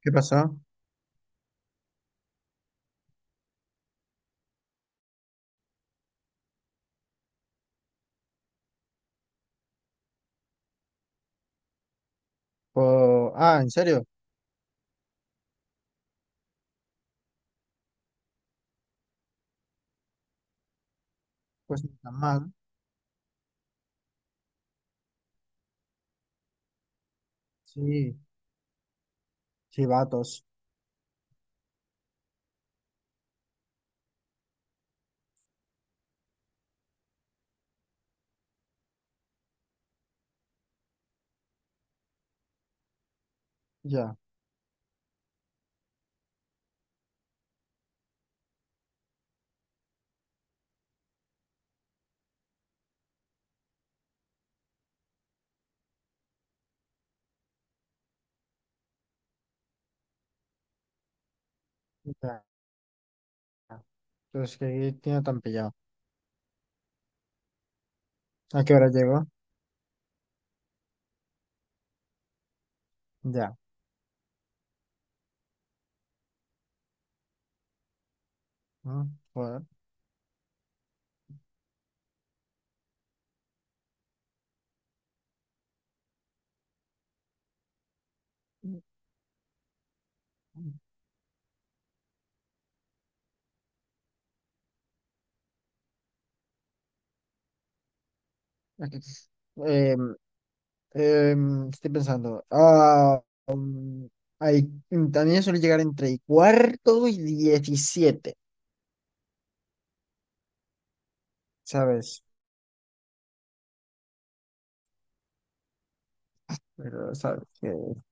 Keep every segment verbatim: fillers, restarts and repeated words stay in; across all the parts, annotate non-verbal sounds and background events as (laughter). ¿Qué pasó? Po- Ah, ¿en serio? Pues ni tan mal. Sí, sí, vatos. Ya, ya. Entonces, ¿que tiene tan pillado? ¿A qué hora llegó? Ya. Mm, Joder. Aquí- Em, em, estoy pensando. Ah, hay, también suele llegar entre y cuarto y diecisiete, ¿sabes? Pero, ¿sabes? Que,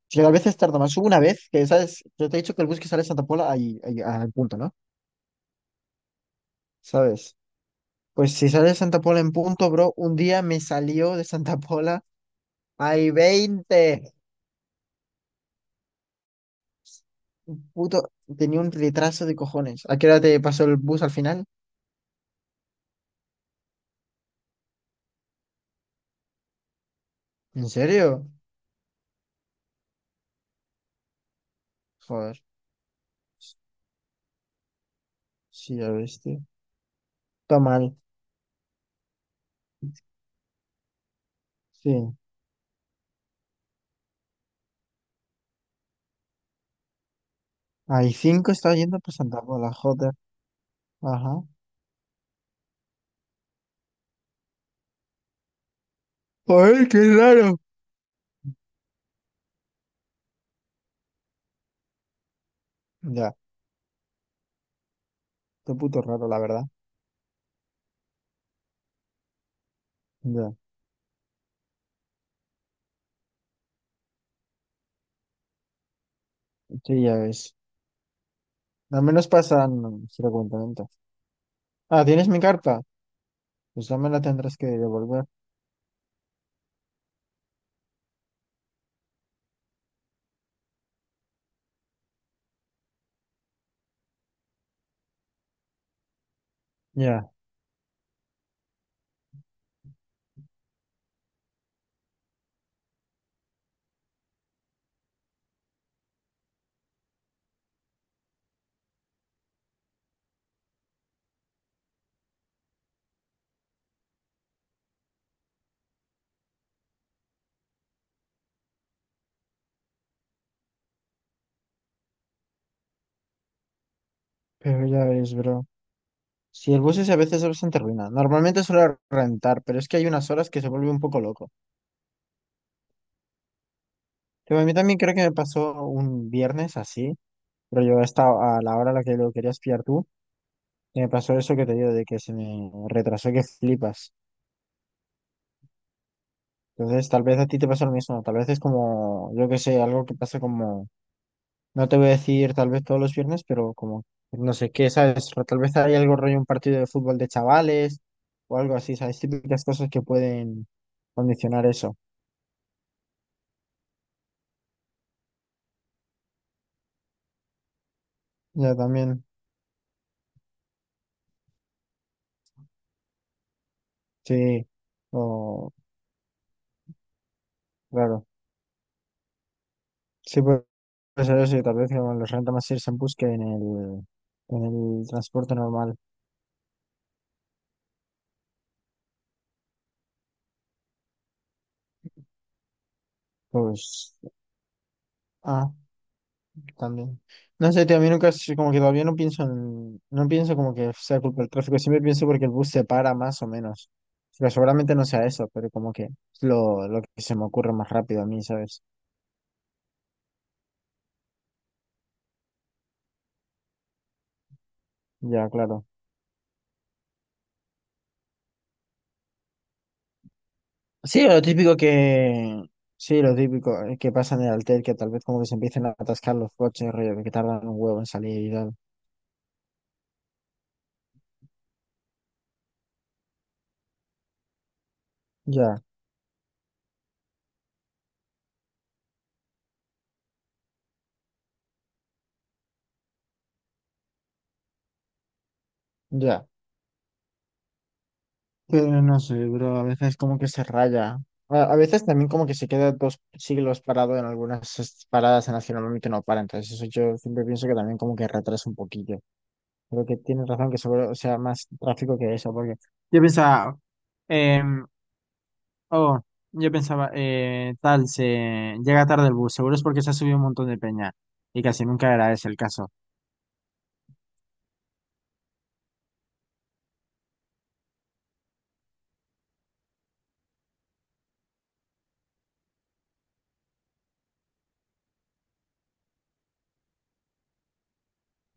que a veces tarda más. Hubo una vez que, ¿sabes? Yo te he dicho que el bus que sale de Santa Pola ahí, ahí, al punto, ¿no? ¿Sabes? Pues si sale Santa Pola en punto, bro, un día me salió de Santa Pola hay veinte. Puto, tenía un retraso de cojones. ¿A qué hora te pasó el bus al final? ¿En serio? Joder, sí, ya ves, tío. Está mal, sí. Hay cinco estaba yendo por Santa Pola, joder. Ajá. ¡Ay, qué raro! Ya, qué puto raro, la verdad. Ya, sí, ya ves. Al menos pasan frecuentemente. Ah, ¿tienes mi carta? Pues ya me la tendrás que devolver. Ya, pero ya ves, bro. Si el bus es a veces es bastante ruina. Normalmente suelo rentar, pero es que hay unas horas que se vuelve un poco loco. Pero a mí también creo que me pasó un viernes así, pero yo estaba a la hora a la que lo querías pillar tú, que me pasó eso que te digo, de que se me retrasó que flipas. Entonces, tal vez a ti te pasa lo mismo. Tal vez es como, yo qué sé, algo que pasa como, no te voy a decir tal vez todos los viernes, pero como, no sé qué, ¿sabes? Tal vez hay algo rollo, un partido de fútbol de chavales o algo así, ¿sabes? Típicas cosas que pueden condicionar eso. Ya también. Sí, o claro. Sí, puede ser eso, y tal vez como los renta más irse en bus que en el, en el, transporte normal. Pues, ah, también. No sé, tío, a mí nunca, es- como que todavía no pienso en, no pienso como que sea culpa del tráfico, siempre pienso porque el bus se para más o menos. Pero seguramente no sea eso, pero como que es lo, lo que se me ocurre más rápido a mí, ¿sabes? Ya, claro. Sí, lo típico que. Sí, lo típico eh, que pasa en el alter, que tal vez como que se empiecen a atascar los coches, rollo, de que tardan un huevo en salir y tal. Ya, ya. Pero no sé, bro, a veces como que se raya. A, a veces también como que se queda dos siglos parado en algunas es- paradas en las que normalmente no para. Entonces eso yo siempre pienso que también como que retrasa un poquillo. Creo que tienes razón que seguro sea más tráfico que eso, porque yo pensaba... em, Oh, yo pensaba, eh, tal, se llega tarde el bus, seguro es porque se ha subido un montón de peña. Y casi nunca era ese el caso.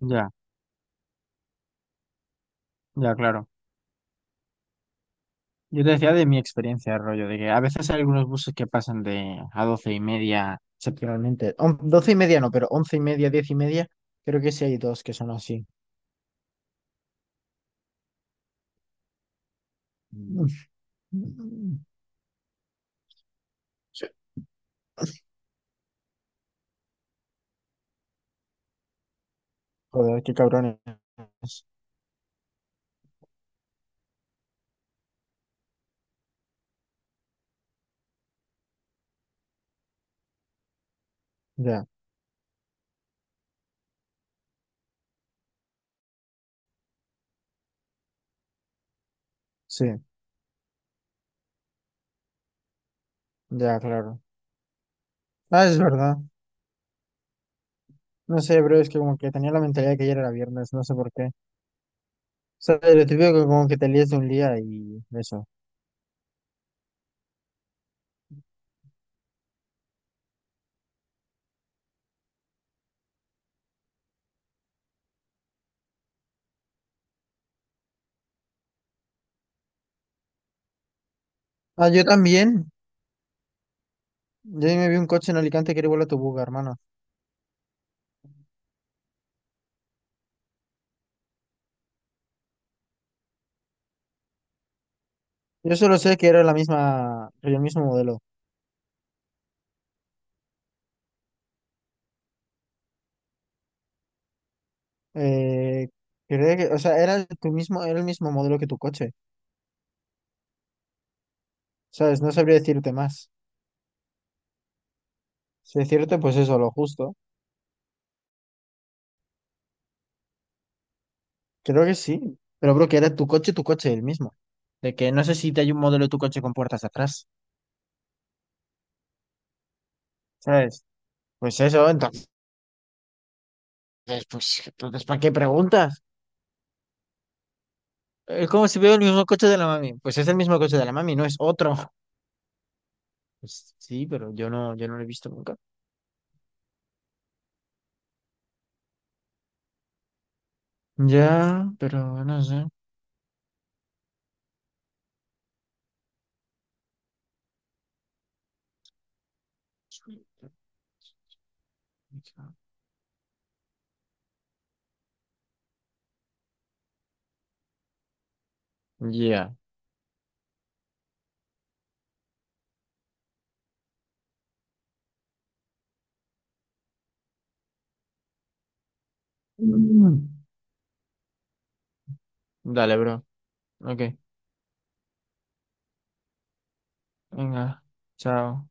Ya, ya, claro. Yo te decía de mi experiencia, rollo, de que a veces hay algunos buses que pasan de a doce y media, excepcionalmente. On- Doce y media no, pero once y media, diez y media, creo que sí hay dos que son así. Mm. Sí. Joder, qué cabrones. Ya, sí, ya, claro. Ah, es verdad. No sé, bro, es que como que tenía la mentalidad de que ayer era viernes, no sé por qué. Sea, lo típico que como que te líes de un día y eso. Ah, yo también. Yo me vi un coche en Alicante que era igual a tu buga, hermano. Yo solo sé que era la misma, el mismo modelo. Eh, creo que, o sea, era tu mismo, era el mismo modelo que tu coche. ¿Sabes? No sabría decirte más. Si decirte, pues eso, lo justo. Creo que sí. Pero creo que era tu coche, tu coche, el mismo. De que no sé si te hay un modelo de tu coche con puertas atrás. ¿Sabes? Pues eso, entonces, pues, entonces, ¿para qué preguntas? Es como si veo el mismo coche de la mami. Pues es el mismo coche de la mami, no es otro. (laughs) Pues sí, pero yo no, yo no lo he visto nunca. Ya, pero no sé. Ya. Mm. Dale, bro. Ok, venga. Chao.